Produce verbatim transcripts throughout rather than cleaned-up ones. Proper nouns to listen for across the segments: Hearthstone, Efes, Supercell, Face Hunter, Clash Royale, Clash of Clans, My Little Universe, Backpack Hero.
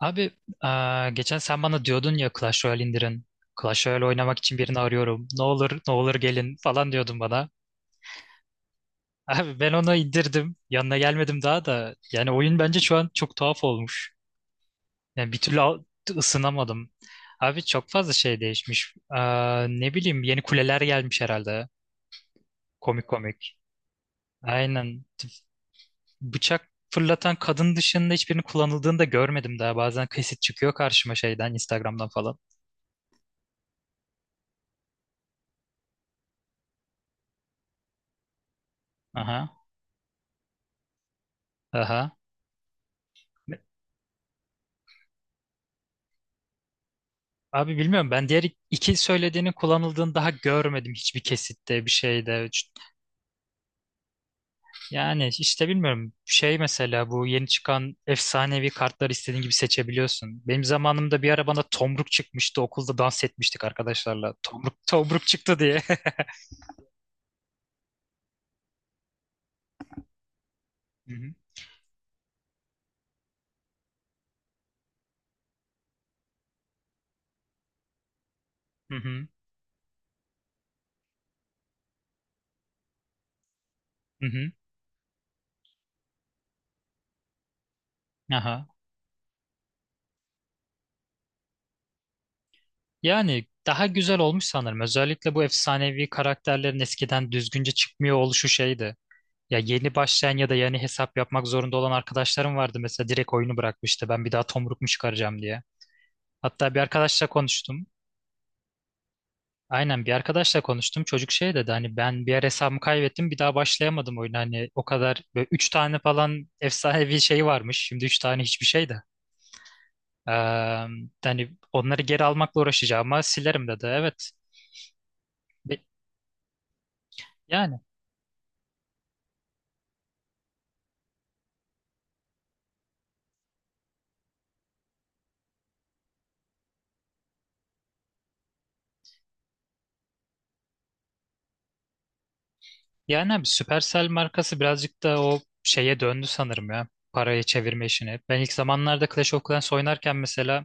Abi, eee, geçen sen bana diyordun ya Clash Royale indirin. Clash Royale oynamak için birini arıyorum. Ne olur ne olur gelin falan diyordun bana. Abi ben onu indirdim. Yanına gelmedim daha da. Yani oyun bence şu an çok tuhaf olmuş. Yani bir türlü al- ısınamadım. Abi çok fazla şey değişmiş. Eee, ne bileyim, yeni kuleler gelmiş herhalde. Komik komik. Aynen. Bıçak fırlatan kadın dışında hiçbirini kullanıldığını da görmedim daha. Bazen kesit çıkıyor karşıma şeyden Instagram'dan falan. Aha. Aha. Abi bilmiyorum, ben diğer iki söylediğinin kullanıldığını daha görmedim hiçbir kesitte bir şeyde. Ç- Yani işte bilmiyorum şey mesela bu yeni çıkan efsanevi kartları istediğin gibi seçebiliyorsun. Benim zamanımda bir ara bana tomruk çıkmıştı, okulda dans etmiştik arkadaşlarla. Tomruk, tomruk çıktı diye. Hı hı. Hı hı. Hı hı. Aha. Yani daha güzel olmuş sanırım. Özellikle bu efsanevi karakterlerin eskiden düzgünce çıkmıyor oluşu şeydi. Ya yeni başlayan ya da yani hesap yapmak zorunda olan arkadaşlarım vardı, mesela direkt oyunu bırakmıştı ben bir daha tomruk mu çıkaracağım diye. Hatta bir arkadaşla konuştum. Aynen, bir arkadaşla konuştum. Çocuk şey dedi hani ben bir ara hesabımı kaybettim bir daha başlayamadım oyuna. Hani o kadar böyle üç tane falan efsanevi şey varmış. Şimdi üç tane hiçbir şey de. Ee, Hani onları geri almakla uğraşacağım ama silerim dedi. Evet. Be- Yani Yani abi, Supercell markası birazcık da o şeye döndü sanırım ya. Parayı çevirme işini. Ben ilk zamanlarda Clash of Clans oynarken mesela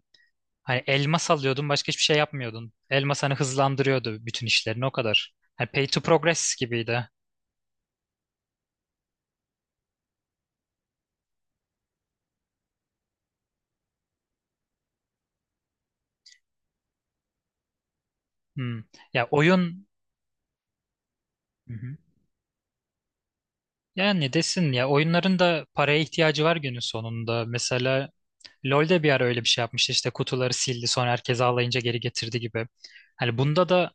hani elmas alıyordun başka hiçbir şey yapmıyordun. Elmas hani hızlandırıyordu bütün işlerini o kadar. Hani pay to progress gibiydi. Hmm. Ya oyun Hı hı. yani desin ya, oyunların da paraya ihtiyacı var günün sonunda. Mesela LoL'de bir ara öyle bir şey yapmıştı, işte kutuları sildi sonra herkes ağlayınca geri getirdi gibi. Hani bunda da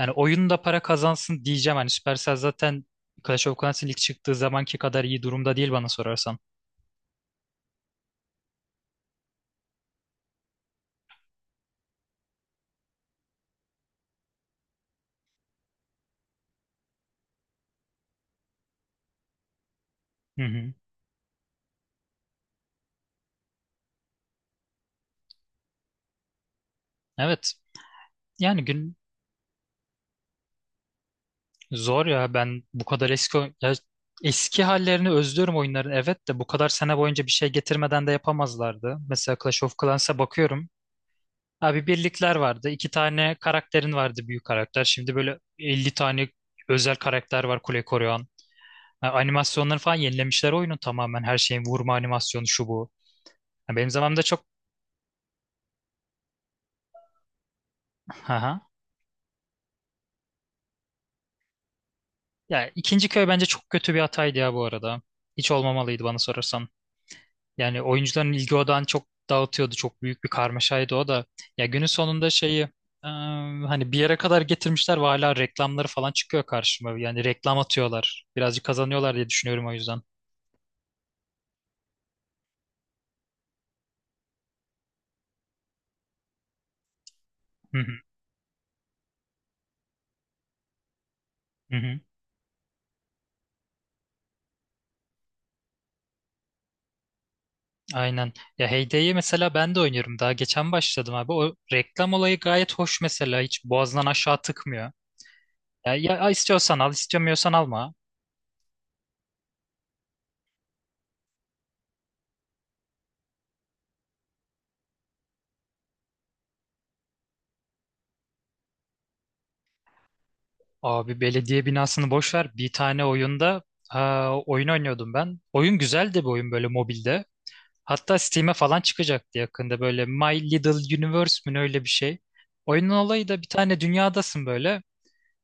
Yani oyunda para kazansın diyeceğim. Hani Supercell zaten Clash of Clans'in ilk çıktığı zamanki kadar iyi durumda değil bana sorarsan. Hı hı. Evet. Yani gün zor ya. Ben bu kadar eski oy- ya eski hallerini özlüyorum oyunların. Evet de bu kadar sene boyunca bir şey getirmeden de yapamazlardı. Mesela Clash of Clans'a bakıyorum. Abi birlikler vardı. İki tane karakterin vardı, büyük karakter. Şimdi böyle elli tane özel karakter var kule koruyan. Ha, animasyonları falan yenilemişler oyunu tamamen. Her şeyin vurma animasyonu şu bu. Ya, benim zamanımda çok... Aha. Ya ikinci köy bence çok kötü bir hataydı ya bu arada. Hiç olmamalıydı bana sorarsan. Yani oyuncuların ilgi odağını çok dağıtıyordu. Çok büyük bir karmaşaydı o da. Ya günün sonunda şeyi e, hani bir yere kadar getirmişler ve hala reklamları falan çıkıyor karşıma. Yani reklam atıyorlar. Birazcık kazanıyorlar diye düşünüyorum o yüzden. Hı hı. Hı hı. Aynen. Ya Heyde'yi mesela ben de oynuyorum. Daha geçen başladım abi. O reklam olayı gayet hoş mesela. Hiç boğazdan aşağı tıkmıyor. Ya, ya istiyorsan al, istemiyorsan alma. Abi belediye binasını boş ver. Bir tane oyunda, ha, oyun oynuyordum ben. Oyun güzeldi, bir oyun böyle mobilde. Hatta Steam'e falan çıkacaktı yakında, böyle My Little Universe mi ne, öyle bir şey. Oyunun olayı da bir tane dünyadasın böyle.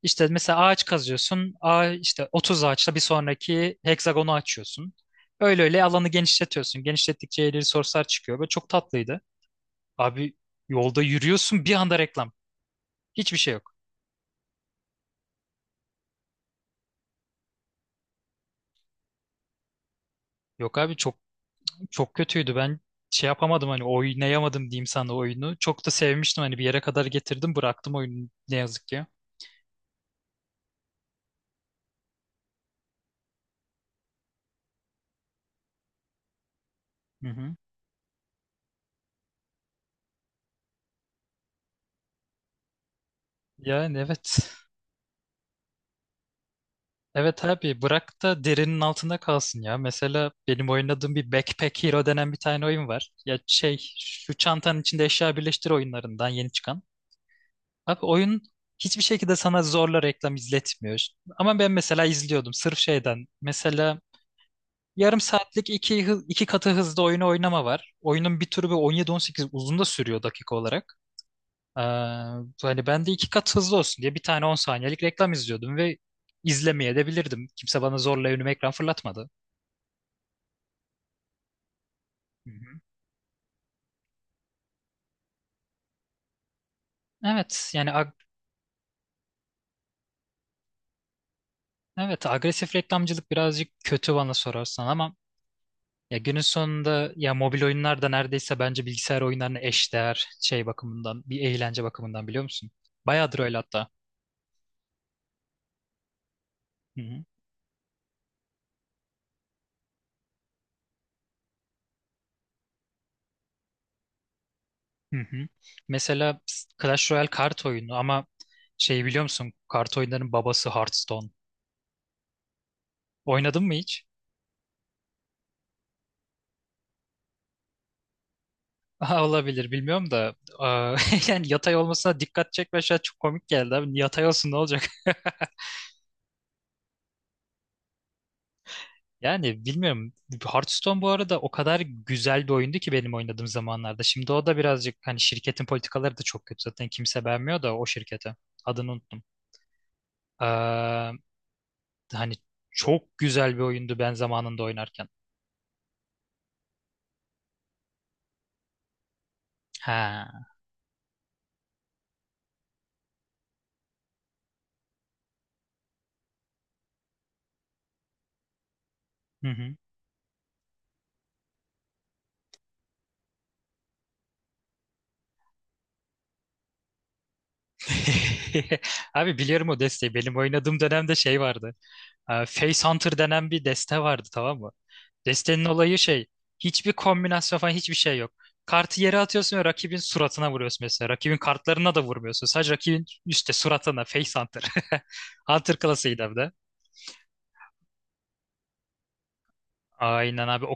İşte mesela ağaç kazıyorsun. Ağa, işte otuz ağaçla bir sonraki heksagonu açıyorsun. Öyle öyle alanı genişletiyorsun. Genişlettikçe yeni resource'lar çıkıyor. Böyle çok tatlıydı. Abi yolda yürüyorsun, bir anda reklam. Hiçbir şey yok. Yok abi. Çok Çok kötüydü. Ben şey yapamadım, hani oynayamadım diyeyim sana oyunu. Çok da sevmiştim, hani bir yere kadar getirdim bıraktım oyunu ne yazık ki. Hı hı. Yani evet. Evet abi bırak da derinin altında kalsın ya. Mesela benim oynadığım bir Backpack Hero denen bir tane oyun var. Ya şey şu çantanın içinde eşya birleştir oyunlarından yeni çıkan. Abi oyun hiçbir şekilde sana zorla reklam izletmiyor. Ama ben mesela izliyordum sırf şeyden. Mesela yarım saatlik iki, hı- iki katı hızda oyunu oynama var. Oyunun bir türü bir on yedi on sekiz uzun da sürüyor dakika olarak. Ee, Hani ben de iki kat hızlı olsun diye bir tane on saniyelik reklam izliyordum ve izlemeye de bilirdim. Kimse bana zorla önüme ekran fırlatmadı. Hı hı. Evet yani ag- evet, agresif reklamcılık birazcık kötü bana sorarsan, ama ya günün sonunda ya, mobil oyunlar da neredeyse bence bilgisayar oyunlarına eşdeğer şey bakımından, bir eğlence bakımından, biliyor musun? Bayağıdır öyle hatta. Hı hı. Hı hı. Mesela Clash Royale kart oyunu ama şey biliyor musun? Kart oyunlarının babası Hearthstone. Oynadın mı hiç? Aha, olabilir, bilmiyorum da aa, yani yatay olmasına dikkat çekme, şey çok komik geldi abi. Yatay olsun ne olacak? Yani bilmiyorum. Hearthstone bu arada o kadar güzel bir oyundu ki benim oynadığım zamanlarda. Şimdi o da birazcık, hani şirketin politikaları da çok kötü. Zaten kimse beğenmiyor da o şirkete. Adını unuttum. Ee, Hani çok güzel bir oyundu ben zamanında oynarken. Ha. Hı hı. Abi biliyorum o desteği. Benim oynadığım dönemde şey vardı. Ee, Face Hunter denen bir deste vardı, tamam mı? Destenin olayı şey. Hiçbir kombinasyon falan, hiçbir şey yok. Kartı yere atıyorsun ve rakibin suratına vuruyorsun mesela. Rakibin kartlarına da vurmuyorsun. Sadece rakibin üstte suratına. Face Hunter. Hunter klasıydı hem de. Aynen abi. O,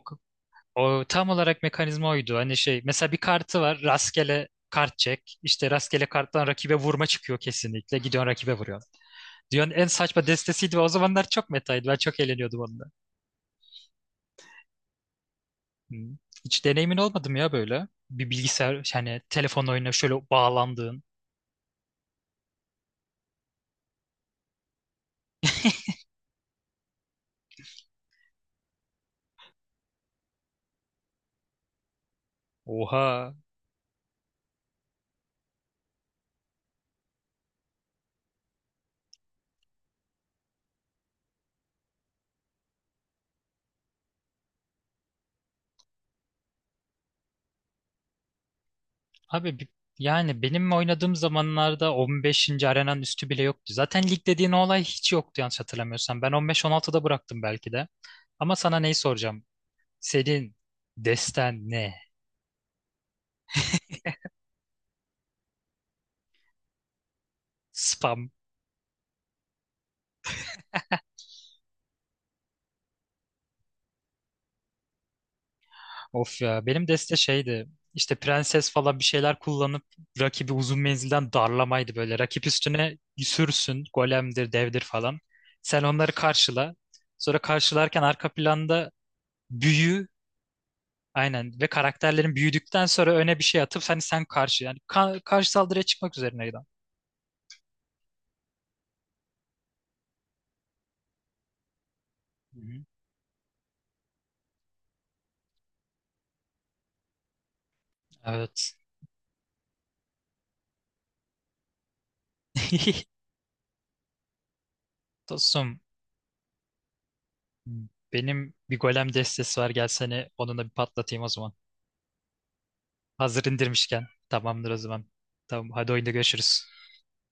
o tam olarak mekanizma oydu. Hani şey mesela bir kartı var. Rastgele kart çek. İşte rastgele karttan rakibe vurma çıkıyor kesinlikle. Gidiyorsun, rakibe vuruyor. Dünyanın en saçma destesiydi ve o zamanlar çok metaydı. Ben çok eğleniyordum onunla. Hı. Hiç deneyimin olmadı mı ya böyle? Bir bilgisayar, yani telefon oyuna şöyle bağlandığın. Oha. Abi bi- yani benim oynadığım zamanlarda on beşinci arenanın üstü bile yoktu. Zaten lig dediğin olay hiç yoktu yanlış hatırlamıyorsam. Ben on beş on altıda bıraktım belki de. Ama sana neyi soracağım? Senin desten ne? Spam. Of ya, benim deste şeydi, işte prenses falan bir şeyler kullanıp rakibi uzun menzilden darlamaydı böyle. Rakip üstüne sürsün, golemdir devdir falan. Sen onları karşıla. Sonra karşılarken arka planda büyü, aynen, ve karakterlerin büyüdükten sonra öne bir şey atıp, hani sen karşı yani ka- karşı saldırıya çıkmak üzerineydi. Hı hı. Evet. Dostum, benim bir golem destesi var, gel seni onunla bir patlatayım o zaman. Hazır indirmişken. Tamamdır o zaman. Tamam hadi, oyunda görüşürüz.